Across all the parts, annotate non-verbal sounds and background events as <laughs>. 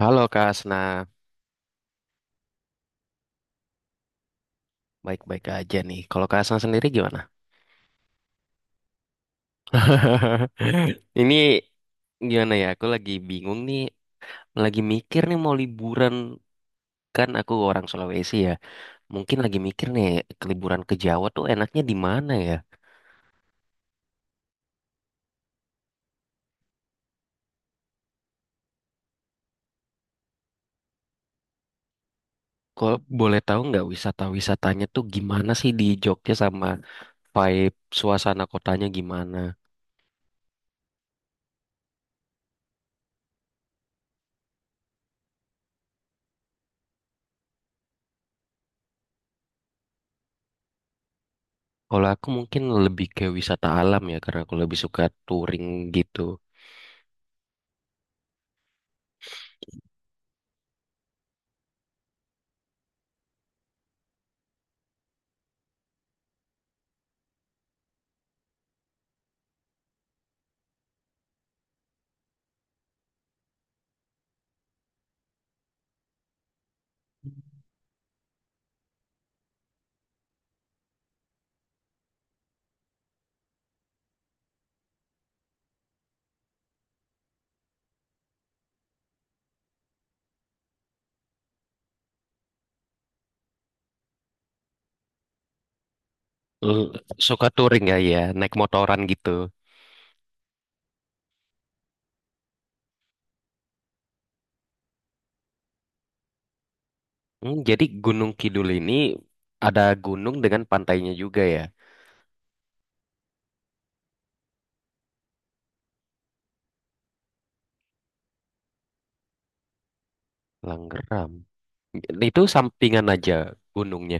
Halo Kak Asna, baik-baik aja nih. Kalau Kak Asna sendiri gimana? <laughs> Ini gimana ya? Aku lagi bingung nih, lagi mikir nih mau liburan, kan aku orang Sulawesi ya. Mungkin lagi mikir nih ke liburan ke Jawa tuh enaknya di mana ya? Kalau boleh tahu nggak wisata-wisatanya tuh gimana sih di Jogja sama vibe suasana kotanya gimana? Kalau aku mungkin lebih ke wisata alam ya karena aku lebih suka touring gitu. Eh, Suka touring ya ya, naik motoran gitu. Hmm, jadi Gunung Kidul ini ada gunung dengan pantainya juga ya. Langgeram. Itu sampingan aja gunungnya.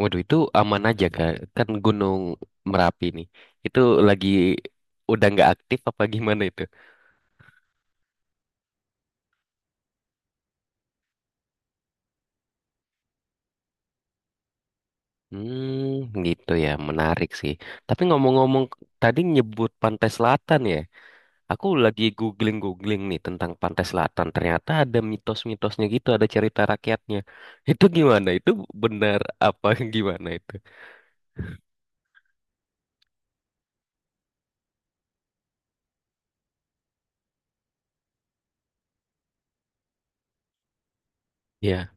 Waduh, itu aman aja kan? Kan Gunung Merapi nih. Itu lagi udah nggak aktif apa gimana itu? Hmm, gitu ya. Menarik sih. Tapi ngomong-ngomong, tadi nyebut Pantai Selatan ya. Aku lagi googling-googling nih tentang Pantai Selatan. Ternyata ada mitos-mitosnya gitu, ada cerita rakyatnya. <laughs> Itu gimana? Itu benar apa <laughs> gimana itu? Ya,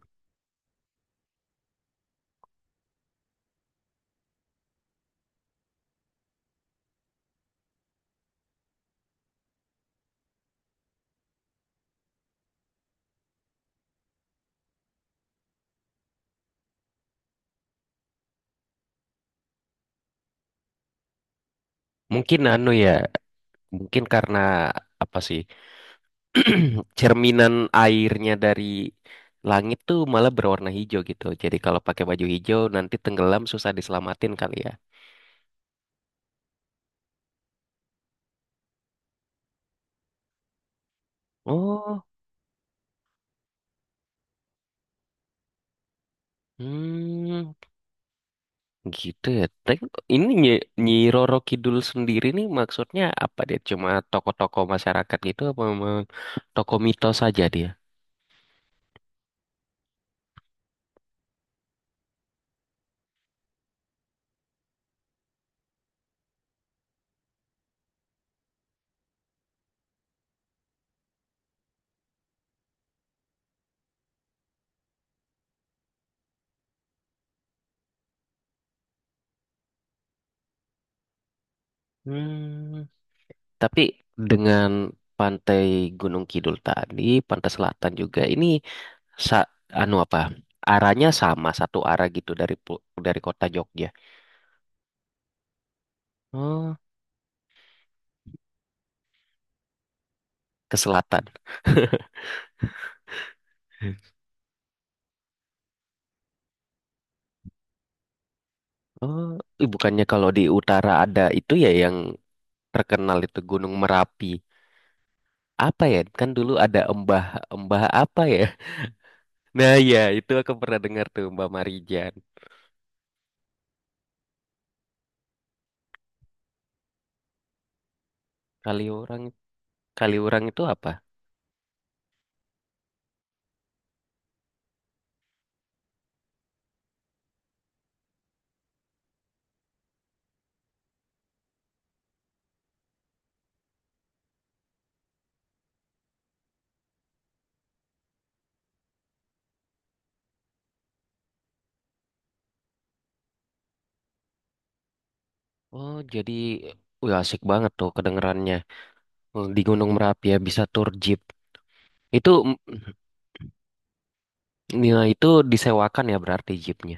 mungkin anu ya, mungkin karena apa sih? Cerminan airnya dari langit tuh malah berwarna hijau gitu. Jadi kalau pakai baju hijau nanti tenggelam susah diselamatin kali ya. Oh, hmm. Gitu ya. Tapi ini Nyi, Nyi Roro Kidul sendiri nih maksudnya apa dia? Cuma tokoh-tokoh masyarakat gitu apa memang tokoh mitos saja dia? Hmm. Tapi dengan Pantai Gunung Kidul tadi, Pantai Selatan juga ini sa- anu apa? Arahnya sama satu arah gitu dari dari kota Jogja. Oh, ke selatan. <laughs> Oh, ih, bukannya kalau di utara ada itu ya yang terkenal itu Gunung Merapi. Apa ya, kan dulu ada Embah Embah apa ya, nah ya itu aku pernah dengar tuh Mbah Marijan. Kali orang, kali orang itu apa? Oh jadi wah asik banget tuh kedengerannya. Oh, di Gunung Merapi ya bisa tur jeep itu. Ya, itu disewakan ya berarti jeepnya.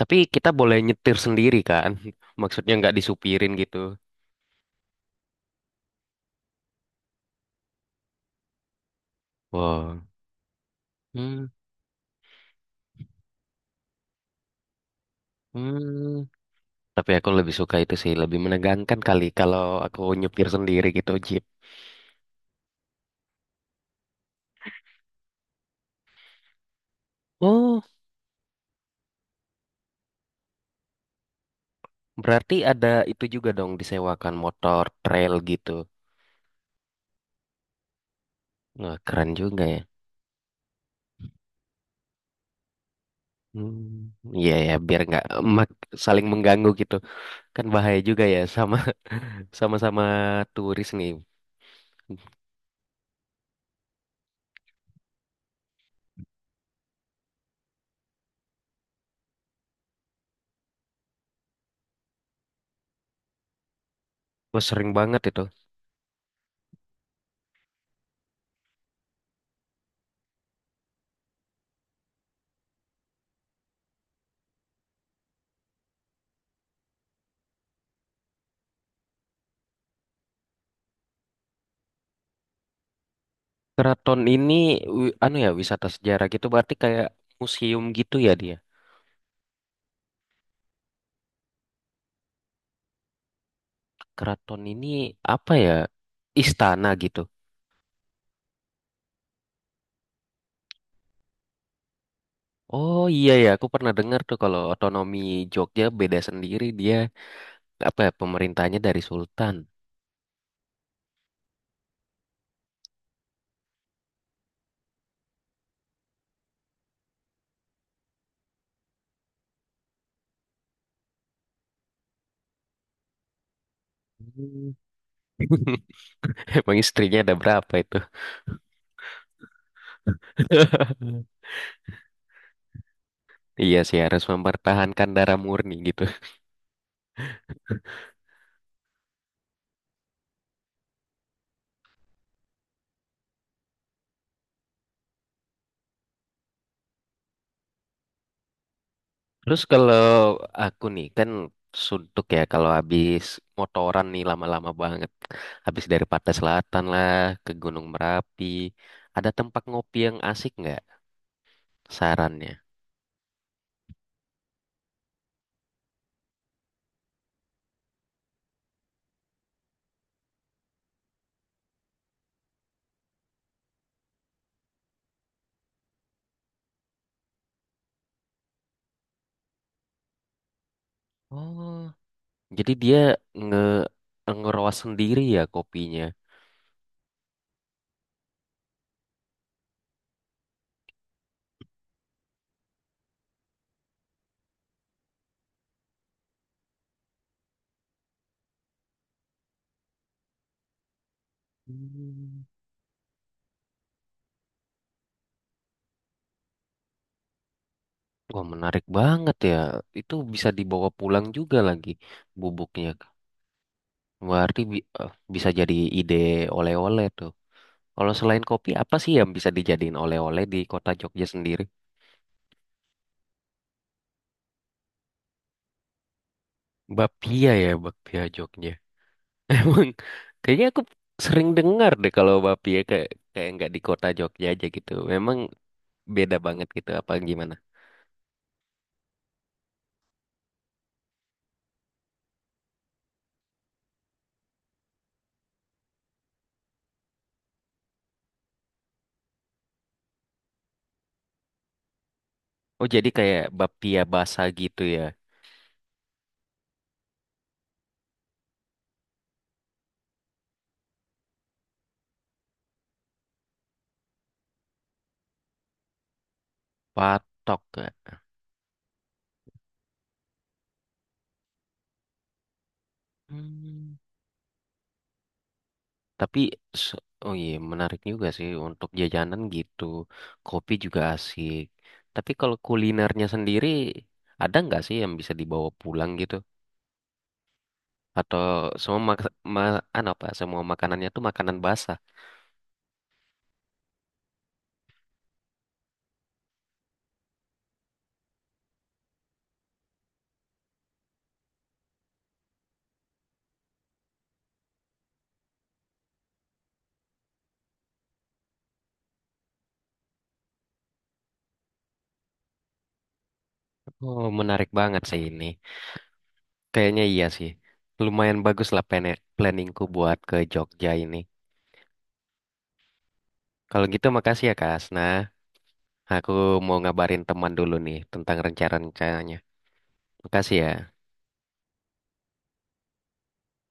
Tapi kita boleh nyetir sendiri kan, <laughs> maksudnya nggak disupirin gitu. Wow. hmm, hmm. Tapi aku lebih suka itu sih, lebih menegangkan kali kalau aku nyupir sendiri gitu jeep. Oh, berarti ada itu juga dong disewakan motor trail gitu. Wah, keren juga ya. Hmm, iya ya, biar nggak mak- saling mengganggu gitu. Kan bahaya juga ya, sama <laughs> sama-sama turis nih. Wah, sering banget itu. Keraton ini anu ya wisata sejarah gitu berarti kayak museum gitu ya dia. Keraton ini apa ya? Istana gitu. Oh iya ya, aku pernah dengar tuh kalau otonomi Jogja beda sendiri dia, apa ya, pemerintahnya dari sultan. <laughs> Emang istrinya ada berapa itu? <laughs> Iya sih, harus mempertahankan darah murni gitu. Terus kalau aku nih kan suntuk ya kalau habis motoran nih lama-lama banget. Habis dari Pantai Selatan lah ke Gunung Merapi. Ada tempat ngopi yang asik nggak sarannya? Oh, jadi dia nge ngeroas sendiri ya kopinya. Hmm. Wah menarik banget ya. Itu bisa dibawa pulang juga lagi bubuknya. Berarti bisa jadi ide oleh-oleh tuh. Kalau selain kopi, apa sih yang bisa dijadiin oleh-oleh di kota Jogja sendiri? Bapia ya, bapia Jogja. <laughs> Emang kayaknya aku sering dengar deh kalau bapia kayak kayak nggak di kota Jogja aja gitu. Memang beda banget gitu apa gimana? Oh jadi kayak bapia basah gitu ya? Patok, nggak? Hmm. Tapi, se- oh iya, menarik juga sih untuk jajanan gitu. Kopi juga asik. Tapi kalau kulinernya sendiri, ada nggak sih yang bisa dibawa pulang gitu? Atau semua anu apa, semua makanannya tuh makanan basah? Oh, menarik banget sih ini. Kayaknya iya sih. Lumayan bagus lah planningku buat ke Jogja ini. Kalau gitu makasih ya, Kak Asna. Aku mau ngabarin teman dulu nih tentang rencana-rencananya. Makasih ya.